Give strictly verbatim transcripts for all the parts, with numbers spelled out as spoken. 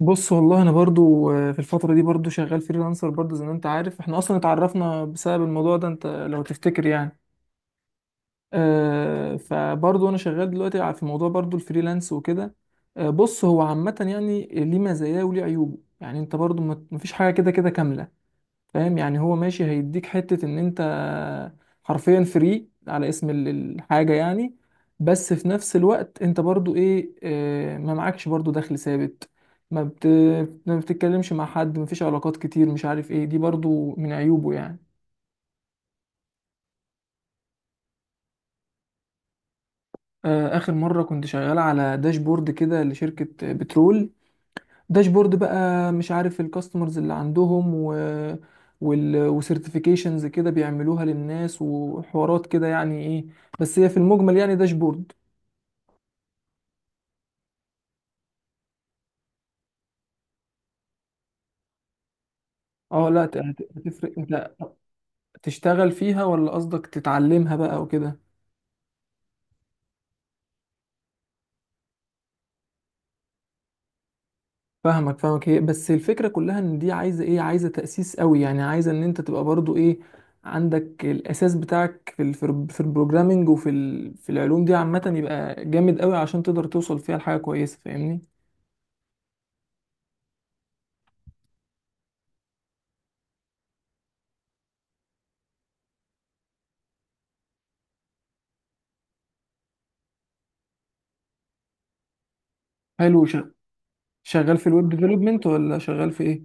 بص، والله انا برضو آه، في الفتره دي برضو شغال فريلانسر، برضو زي ما انت عارف احنا اصلا اتعرفنا بسبب الموضوع ده، انت لو تفتكر يعني. آه، فبرضو انا شغال دلوقتي على- في موضوع برضو الفريلانس وكده. آه، بص، هو عامه يعني ليه مزاياه وليه عيوبه، يعني انت برضو ما- مفيش حاجه كده كده كامله. فاهم يعني، هو ماشي هيديك حتة ان انت حرفيا فري على اسم ال- الحاجة يعني. بس في نفس الوقت انت برضو ايه، آه، ما معكش برضو دخل ثابت. ما بت... ما بتتكلمش مع حد، ما فيش علاقات كتير، مش عارف ايه، دي برضو من عيوبه يعني. آه، اخر مرة كنت شغال على داشبورد كده لشركة بترول. داشبورد بقى، مش عارف الكاستمرز اللي عندهم و وال وسيرتيفيكيشنز كده بيعملوها للناس وحوارات كده، يعني ايه، بس هي في المجمل يعني داشبورد. اه لا، ت- هتفرق، انت تشتغل فيها ولا قصدك تتعلمها بقى وكده؟ فاهمك، فاهمك. هي بس الفكرة كلها ان دي عايزة ايه، عايزة تأسيس قوي، يعني عايزة ان انت تبقى برضو ايه، عندك الاساس بتاعك في ال في ال- في البروجرامينج، وفي ال في العلوم دي عامة، يبقى جامد قوي عشان تقدر توصل فيها لحاجة كويسة، فاهمني؟ حلو. شغال في الويب ديفلوبمنت ولا شغال في ايه؟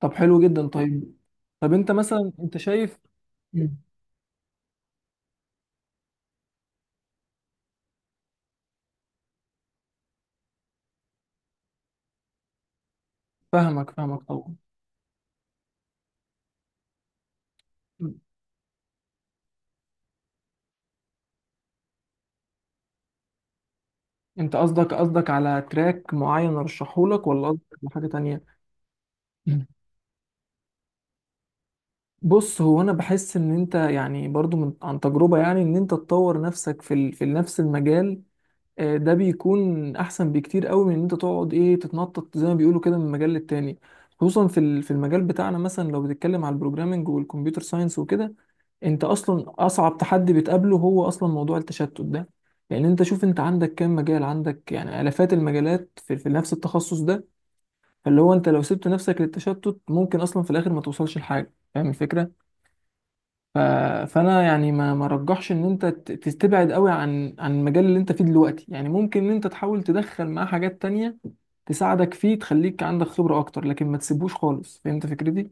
طب حلو جدا. طيب. طب انت مثلا انت شايف. مم. فاهمك، فاهمك طبعا. مم. انت قصدك قصدك على تراك معين ارشحه لك، ولا قصدك على حاجة تانية؟ مم. بص، هو انا بحس ان انت يعني برضو من عن تجربة، يعني ان انت تطور نفسك في ال... في نفس المجال. آه، ده بيكون احسن بكتير قوي من ان انت تقعد ايه، تتنطط زي ما بيقولوا كده من مجال للتاني. خصوصا في ال- في المجال بتاعنا، مثلا لو بتتكلم على البروجرامنج والكمبيوتر ساينس وكده، انت اصلا اصعب تحدي بتقابله هو اصلا موضوع التشتت ده. لان انت شوف، انت عندك كام مجال، عندك يعني الافات المجالات في, في نفس التخصص ده. فاللي هو انت لو سبت نفسك للتشتت ممكن اصلا في الاخر ما توصلش لحاجه، فاهم الفكره؟ ف... فانا يعني ما ما رجحش ان انت ت- تبعد قوي عن عن المجال اللي انت فيه دلوقتي، يعني ممكن ان انت تحاول تدخل معاه حاجات تانية تساعدك فيه، تخليك عندك خبره اكتر، لكن ما تسيبوش خالص، فهمت فكرتي؟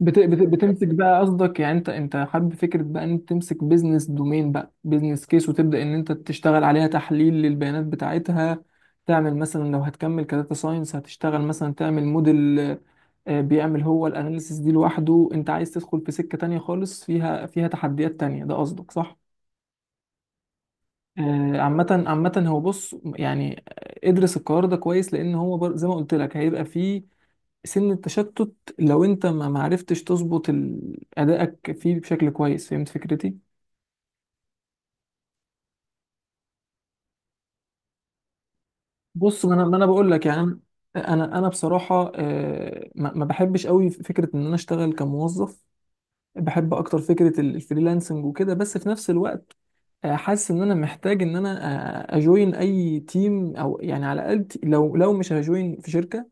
بت... بت... بتمسك بقى قصدك، يعني انت انت حابب فكره بقى ان انت تمسك بيزنس دومين بقى، بيزنس كيس، وتبدا ان انت تشتغل عليها تحليل للبيانات بتاعتها؟ تعمل مثلا لو هتكمل كداتا ساينس هتشتغل مثلا تعمل موديل آه، بيعمل هو الاناليسيس دي لوحده، انت عايز تدخل في سكه تانية خالص فيها فيها تحديات تانية، ده قصدك صح؟ آه، عامة عامة هو بص يعني، آه، ادرس القرار ده كويس، لأن هو بر- زي ما قلت لك هيبقى فيه سن التشتت. لو انت ما معرفتش تظبط ال- ادائك فيه بشكل كويس، فهمت فكرتي؟ بص، ما انا ما انا بقول لك يعني. انا انا بصراحه آه، ما ما بحبش قوي فكره ان انا اشتغل كموظف. بحب اكتر فكره ال- الفريلانسنج وكده. بس في نفس الوقت آه، حاسس ان انا محتاج ان انا آه، اجوين اي تيم، او يعني على الاقل، ت- لو لو مش هجوين في شركه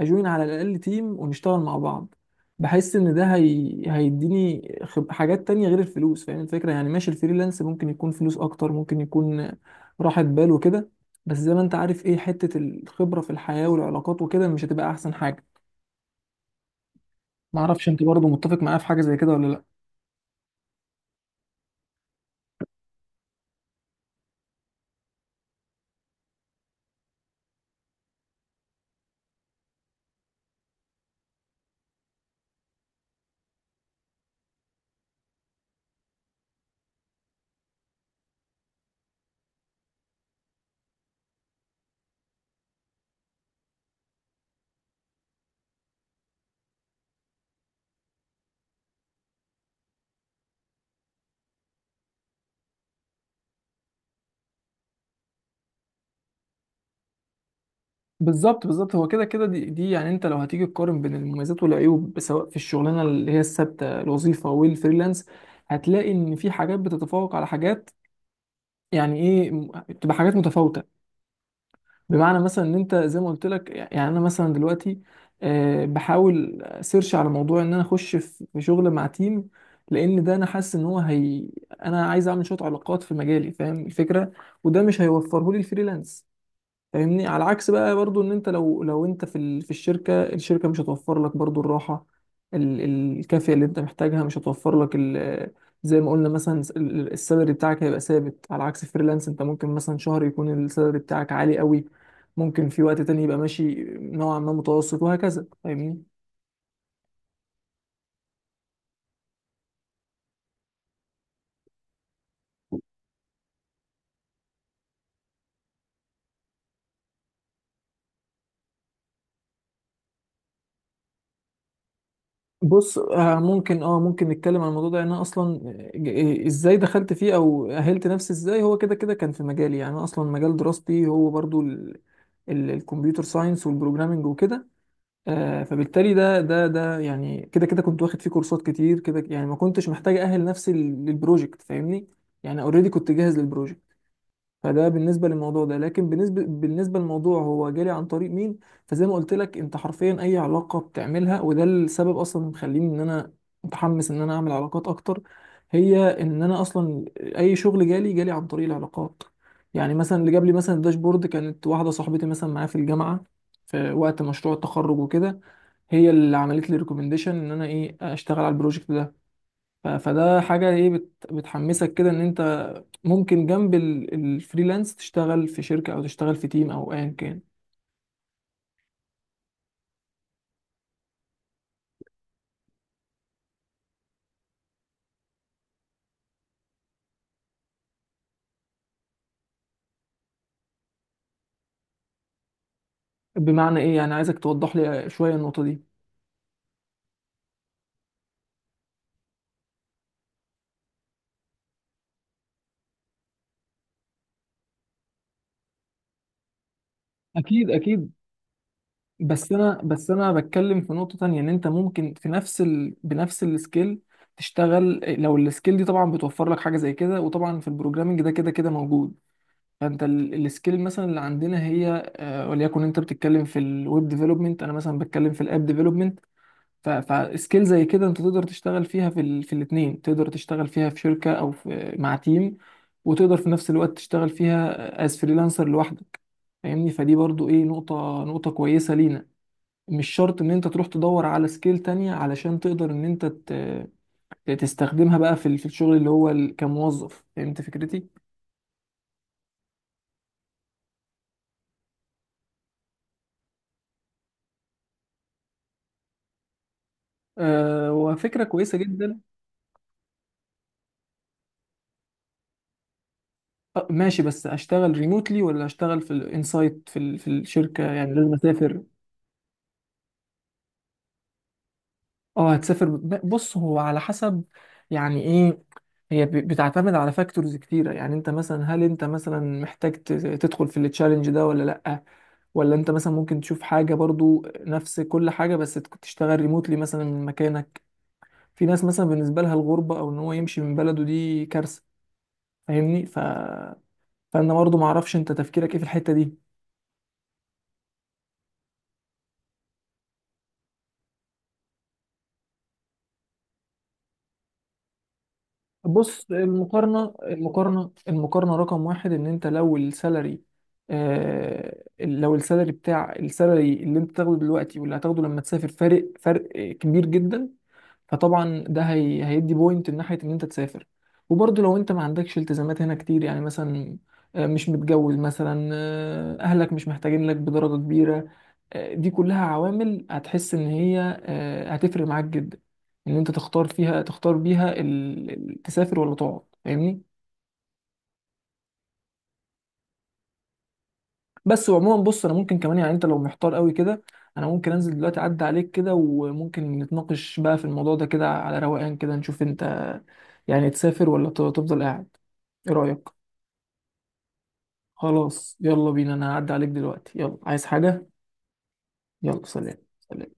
اجوين على الاقل تيم ونشتغل مع بعض. بحس ان ده هي... هيديني خب... حاجات تانية غير الفلوس، فاهم الفكره؟ يعني ماشي، الفريلانس ممكن يكون فلوس اكتر، ممكن يكون راحه بال وكده. بس زي ما انت عارف ايه، حته الخبره في الحياه والعلاقات وكده مش هتبقى احسن حاجه؟ معرفش انت برضه متفق معايا في حاجه زي كده ولا لا. بالظبط، بالظبط. هو كده كده دي, دي يعني انت لو هتيجي تقارن بين المميزات والعيوب سواء في الشغلانه اللي هي الثابته الوظيفه والفريلانس، هتلاقي ان في حاجات بتتفوق على حاجات. يعني ايه، م- بتبقى حاجات متفاوته. بمعنى مثلا ان انت زي ما قلت لك، يعني انا مثلا دلوقتي آه، بحاول سيرش على موضوع ان انا اخش في في شغل مع تيم، لان ده انا حاسس ان هو هي انا عايز اعمل شويه علاقات في مجالي، فاهم الفكره؟ وده مش هيوفره لي الفريلانس، فاهمني؟ على عكس بقى برضو ان انت لو لو انت في ال- في الشركه الشركه مش هتوفر لك برضو الراحه، ال- ال- الكافيه اللي انت محتاجها، مش هتوفر لك ال- زي ما قلنا مثلا، س- ال- ال- السالري بتاعك هيبقى ثابت، على عكس فريلانس انت ممكن مثلا شهر يكون السالري بتاعك عالي قوي، ممكن في وقت تاني يبقى ماشي نوعا ما متوسط، وهكذا فاهمني؟ بص، آه، ممكن اه ممكن نتكلم عن الموضوع ده. يعني انا اصلا ج- ازاي دخلت فيه او اهلت نفسي ازاي، هو كده كده كان في مجالي، يعني انا اصلا مجال دراستي هو برضو ال- ال- الكمبيوتر ساينس والبروجرامنج وكده. آه، فبالتالي ده ده ده يعني كده كده كنت واخد فيه كورسات كتير كده، يعني ما كنتش محتاج اهل نفسي لل- للبروجكت، فاهمني؟ يعني اوريدي كنت جاهز للبروجكت. فده بالنسبه للموضوع ده، لكن بالنسبه بالنسبه للموضوع هو جالي عن طريق مين، فزي ما قلت لك، انت حرفيا اي علاقه بتعملها، وده السبب اصلا اللي مخليني ان انا متحمس ان انا اعمل علاقات اكتر. هي ان انا اصلا اي شغل جالي جالي عن طريق العلاقات. يعني مثلا اللي جاب لي مثلا الداشبورد كانت واحده صاحبتي مثلا معايا في الجامعه في وقت مشروع التخرج وكده، هي اللي عملت لي ريكومنديشن ان انا ايه، اشتغل على البروجكت ده. ف- فده حاجة ايه، بت- بتحمسك كده ان انت ممكن جنب ال- الفريلانس تشتغل في شركة، او تشتغل في تيم، او ايا كان. بمعنى ايه يعني؟ عايزك توضح لي شوية النقطة دي. اكيد، اكيد، بس انا بس انا بتكلم في نقطة تانية، ان انت ممكن في نفس ال... بنفس السكيل تشتغل، لو السكيل دي طبعا بتوفر لك حاجة زي كده، وطبعا في البروجرامنج ده كده كده موجود. فانت ال- السكيل مثلا اللي عندنا هي آه، وليكن انت بتتكلم في الويب ديفلوبمنت، انا مثلا بتكلم في الاب ديفلوبمنت. ف- فسكيل زي كده انت تقدر تشتغل فيها في ال... في الاتنين، تقدر تشتغل فيها في شركة، او في... مع تيم، وتقدر في نفس الوقت تشتغل فيها از فريلانسر لوحدك، فاهمني؟ فدي برضو ايه، نقطة نقطة كويسة لينا. مش شرط ان انت تروح تدور على سكيل تانية علشان تقدر ان انت ت... تستخدمها بقى في ال- في الشغل اللي هو ال- كموظف، فهمت فكرتي؟ أه، وفكرة كويسة جدا. أه ماشي، بس اشتغل ريموتلي ولا اشتغل في الانسايت في ال... في الشركة، يعني لازم اسافر؟ اه هتسافر. ب- بص، هو على حسب، يعني ايه. هي ب- بتعتمد على فاكتورز كتيرة، يعني انت مثلا هل انت مثلا محتاج ت- تدخل في التشالنج ده ولا لأ، ولا انت مثلا ممكن تشوف حاجة برضو نفس كل حاجة بس تك- تشتغل ريموتلي مثلا من مكانك. في ناس مثلا بالنسبة لها الغربة او ان هو يمشي من بلده دي كارثة، فاهمني؟ ف... فانا برضو معرفش انت تفكيرك ايه في الحتة دي. بص، المقارنة المقارنة المقارنة رقم واحد، ان انت لو السالري آه لو السالري بتاع السالري اللي انت تاخده دلوقتي واللي هتاخده لما تسافر، فارق فرق كبير جدا. فطبعا ده هي... هيدي بوينت من ناحيه ان انت تسافر. وبرضه لو انت ما عندكش التزامات هنا كتير، يعني مثلا آه، مش متجوز مثلا، آه، اهلك مش محتاجين لك بدرجه كبيره، آه، دي كلها عوامل هتحس ان هي آه، هتفرق معاك جدا ان انت تختار فيها، تختار بيها ال... ال- تسافر ولا تقعد، فاهمني؟ بس وعموما بص، انا ممكن كمان يعني، انت لو محتار قوي كده انا ممكن انزل دلوقتي اعدي عليك كده، وممكن نتناقش بقى في الموضوع ده كده على روقان كده، نشوف انت يعني تسافر ولا ت- تفضل قاعد. ايه رأيك؟ خلاص يلا بينا، انا هعدي عليك دلوقتي. يلا، عايز حاجة؟ يلا، سلام سلام.